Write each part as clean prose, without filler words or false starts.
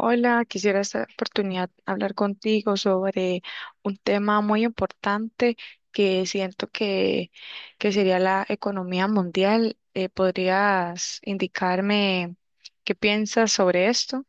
Hola, quisiera esta oportunidad hablar contigo sobre un tema muy importante que siento que, que sería la economía mundial. ¿Podrías indicarme qué piensas sobre esto?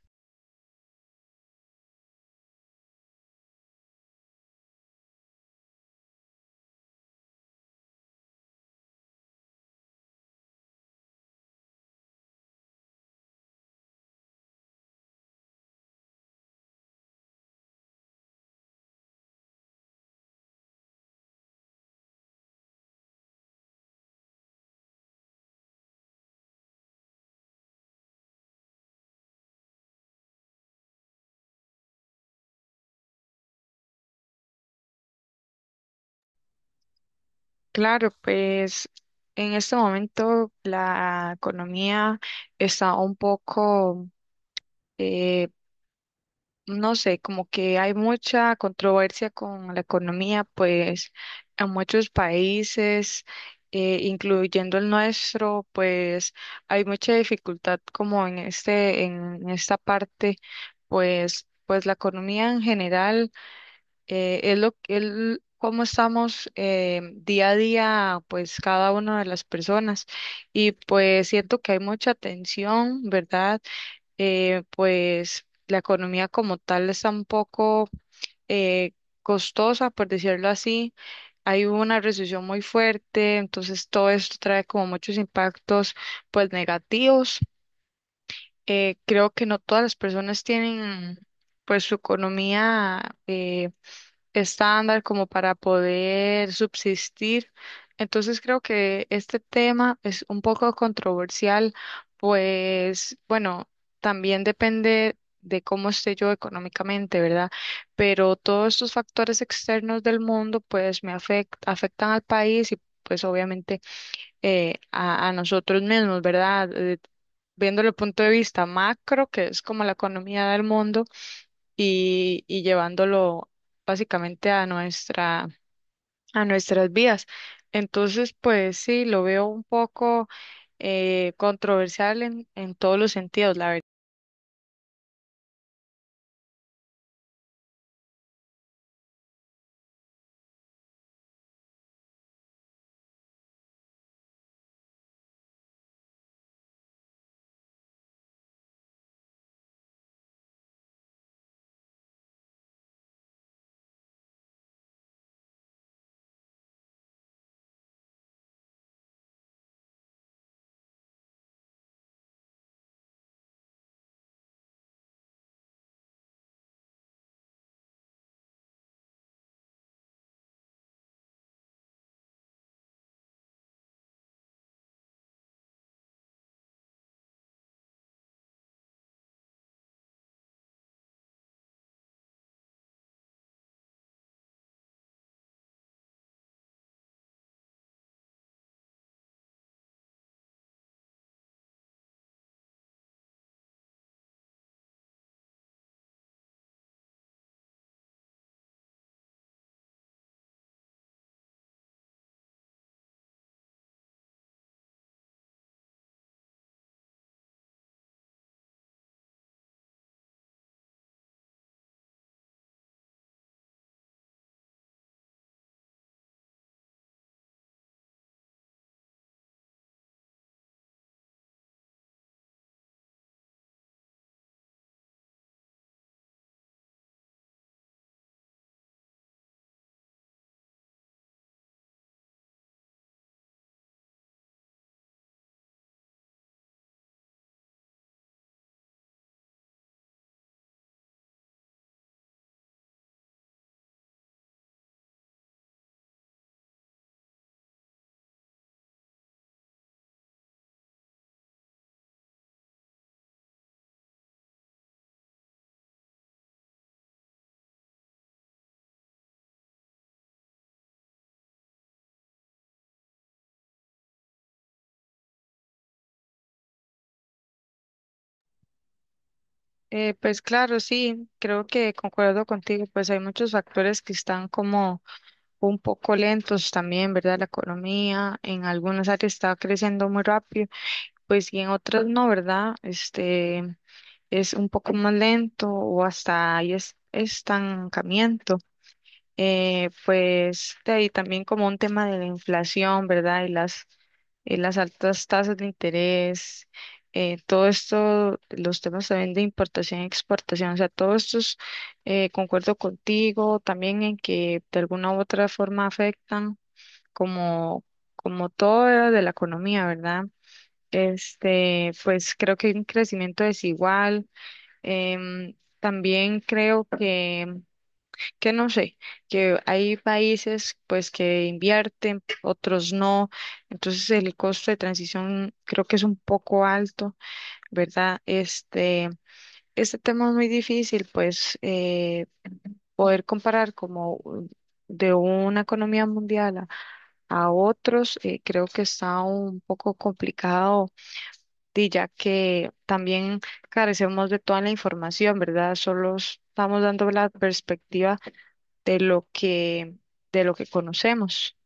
Claro, pues en este momento la economía está un poco, eh, no sé, como que hay mucha controversia con la economía, pues en muchos países, incluyendo el nuestro, pues hay mucha dificultad como en esta parte, pues la economía en general, es lo que cómo estamos día a día, pues cada una de las personas. Y pues siento que hay mucha tensión, ¿verdad? Pues la economía como tal está un poco eh, costosa, por decirlo así. Hay una recesión muy fuerte, entonces todo esto trae como muchos impactos pues negativos. Creo que no todas las personas tienen pues su economía estándar como para poder subsistir. Entonces creo que este tema es un poco controversial, pues bueno, también depende de cómo esté yo económicamente, ¿verdad? Pero todos estos factores externos del mundo pues me afectan al país y pues obviamente a nosotros mismos, ¿verdad? Viéndolo el punto de vista macro, que es como la economía del mundo, y llevándolo básicamente a nuestras vidas. Entonces, pues sí, lo veo un poco controversial en todos los sentidos, la verdad. Pues claro, sí, creo que concuerdo contigo, pues hay muchos factores que están como un poco lentos también, ¿verdad? La economía en algunas áreas está creciendo muy rápido. Pues y en otras no, ¿verdad? Este es un poco más lento o hasta estancamiento. Pues de ahí también como un tema de la inflación, ¿verdad? Y las altas tasas de interés, todo esto, los temas también de importación y exportación, o sea, todo esto es, concuerdo contigo también en que de alguna u otra forma afectan como, como todo era de la economía, ¿verdad? Este, pues creo que hay un crecimiento desigual. También creo que no sé, que hay países pues que invierten, otros no. Entonces el costo de transición creo que es un poco alto, ¿verdad? Este tema es muy difícil, pues poder comparar de una economía mundial a otros, creo que está un poco complicado y ya que también carecemos de toda la información, ¿verdad? Solo estamos dando la perspectiva de lo que, de lo que conocemos.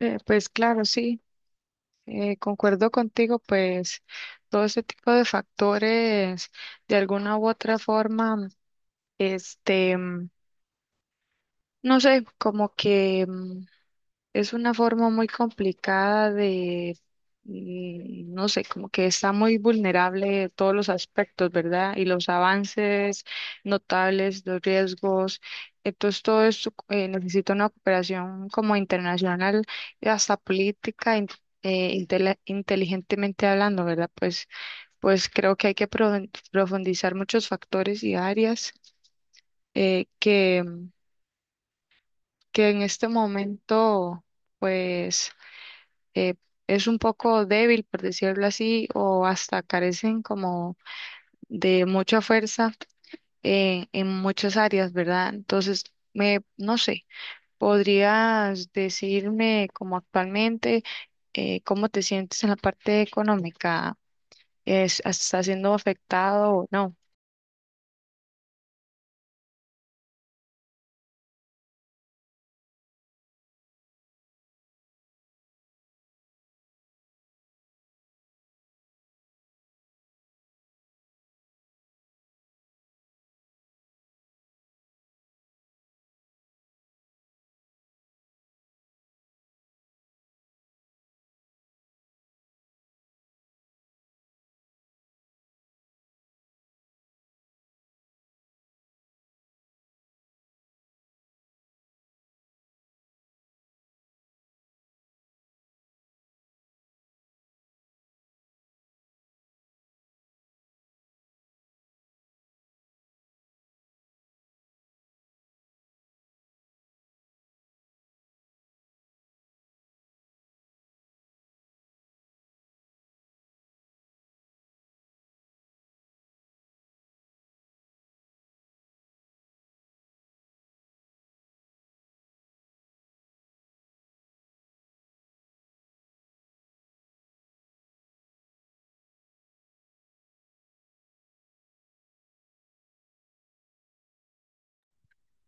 Pues claro, sí, concuerdo contigo, pues todo ese tipo de factores, de alguna u otra forma, este, mm, no sé, como que mm, es una forma muy complicada de, mm, no sé, como que está muy vulnerable en todos los aspectos, ¿verdad? Y los avances notables, los riesgos. Entonces, todo esto necesita una cooperación como internacional, y hasta política, inteligentemente hablando, ¿verdad? Pues, pues creo que hay que profundizar muchos factores y áreas eh, que, que en este momento, pues eh, es un poco débil, por decirlo así, o hasta carecen como de mucha fuerza en muchas áreas, ¿verdad? Entonces, me, no sé, ¿podrías decirme como actualmente cómo te sientes en la parte económica? Estás siendo afectado o no?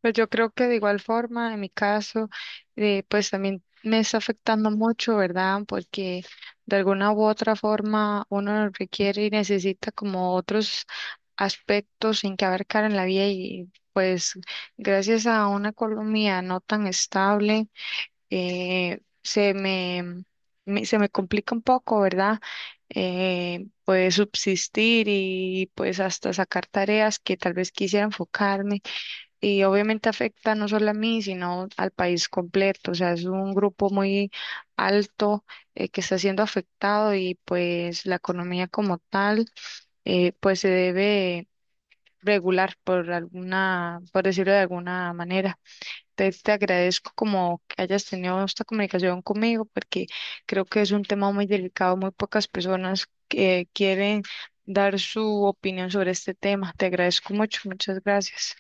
Pues yo creo que de igual forma, en mi caso, pues también me está afectando mucho, ¿verdad? Porque de alguna u otra forma uno requiere y necesita como otros aspectos en que abarcar en la vida y pues gracias a una economía no tan estable, eh, se me, se me complica un poco, ¿verdad? Pues subsistir y pues hasta sacar tareas que tal vez quisiera enfocarme y obviamente afecta no solo a mí, sino al país completo. O sea, es un grupo muy alto que está siendo afectado y pues la economía como tal, pues se debe regular por alguna, por decirlo de alguna manera. Te agradezco como que hayas tenido esta comunicación conmigo porque creo que es un tema muy delicado, muy pocas personas que quieren dar su opinión sobre este tema. Te agradezco mucho, muchas gracias.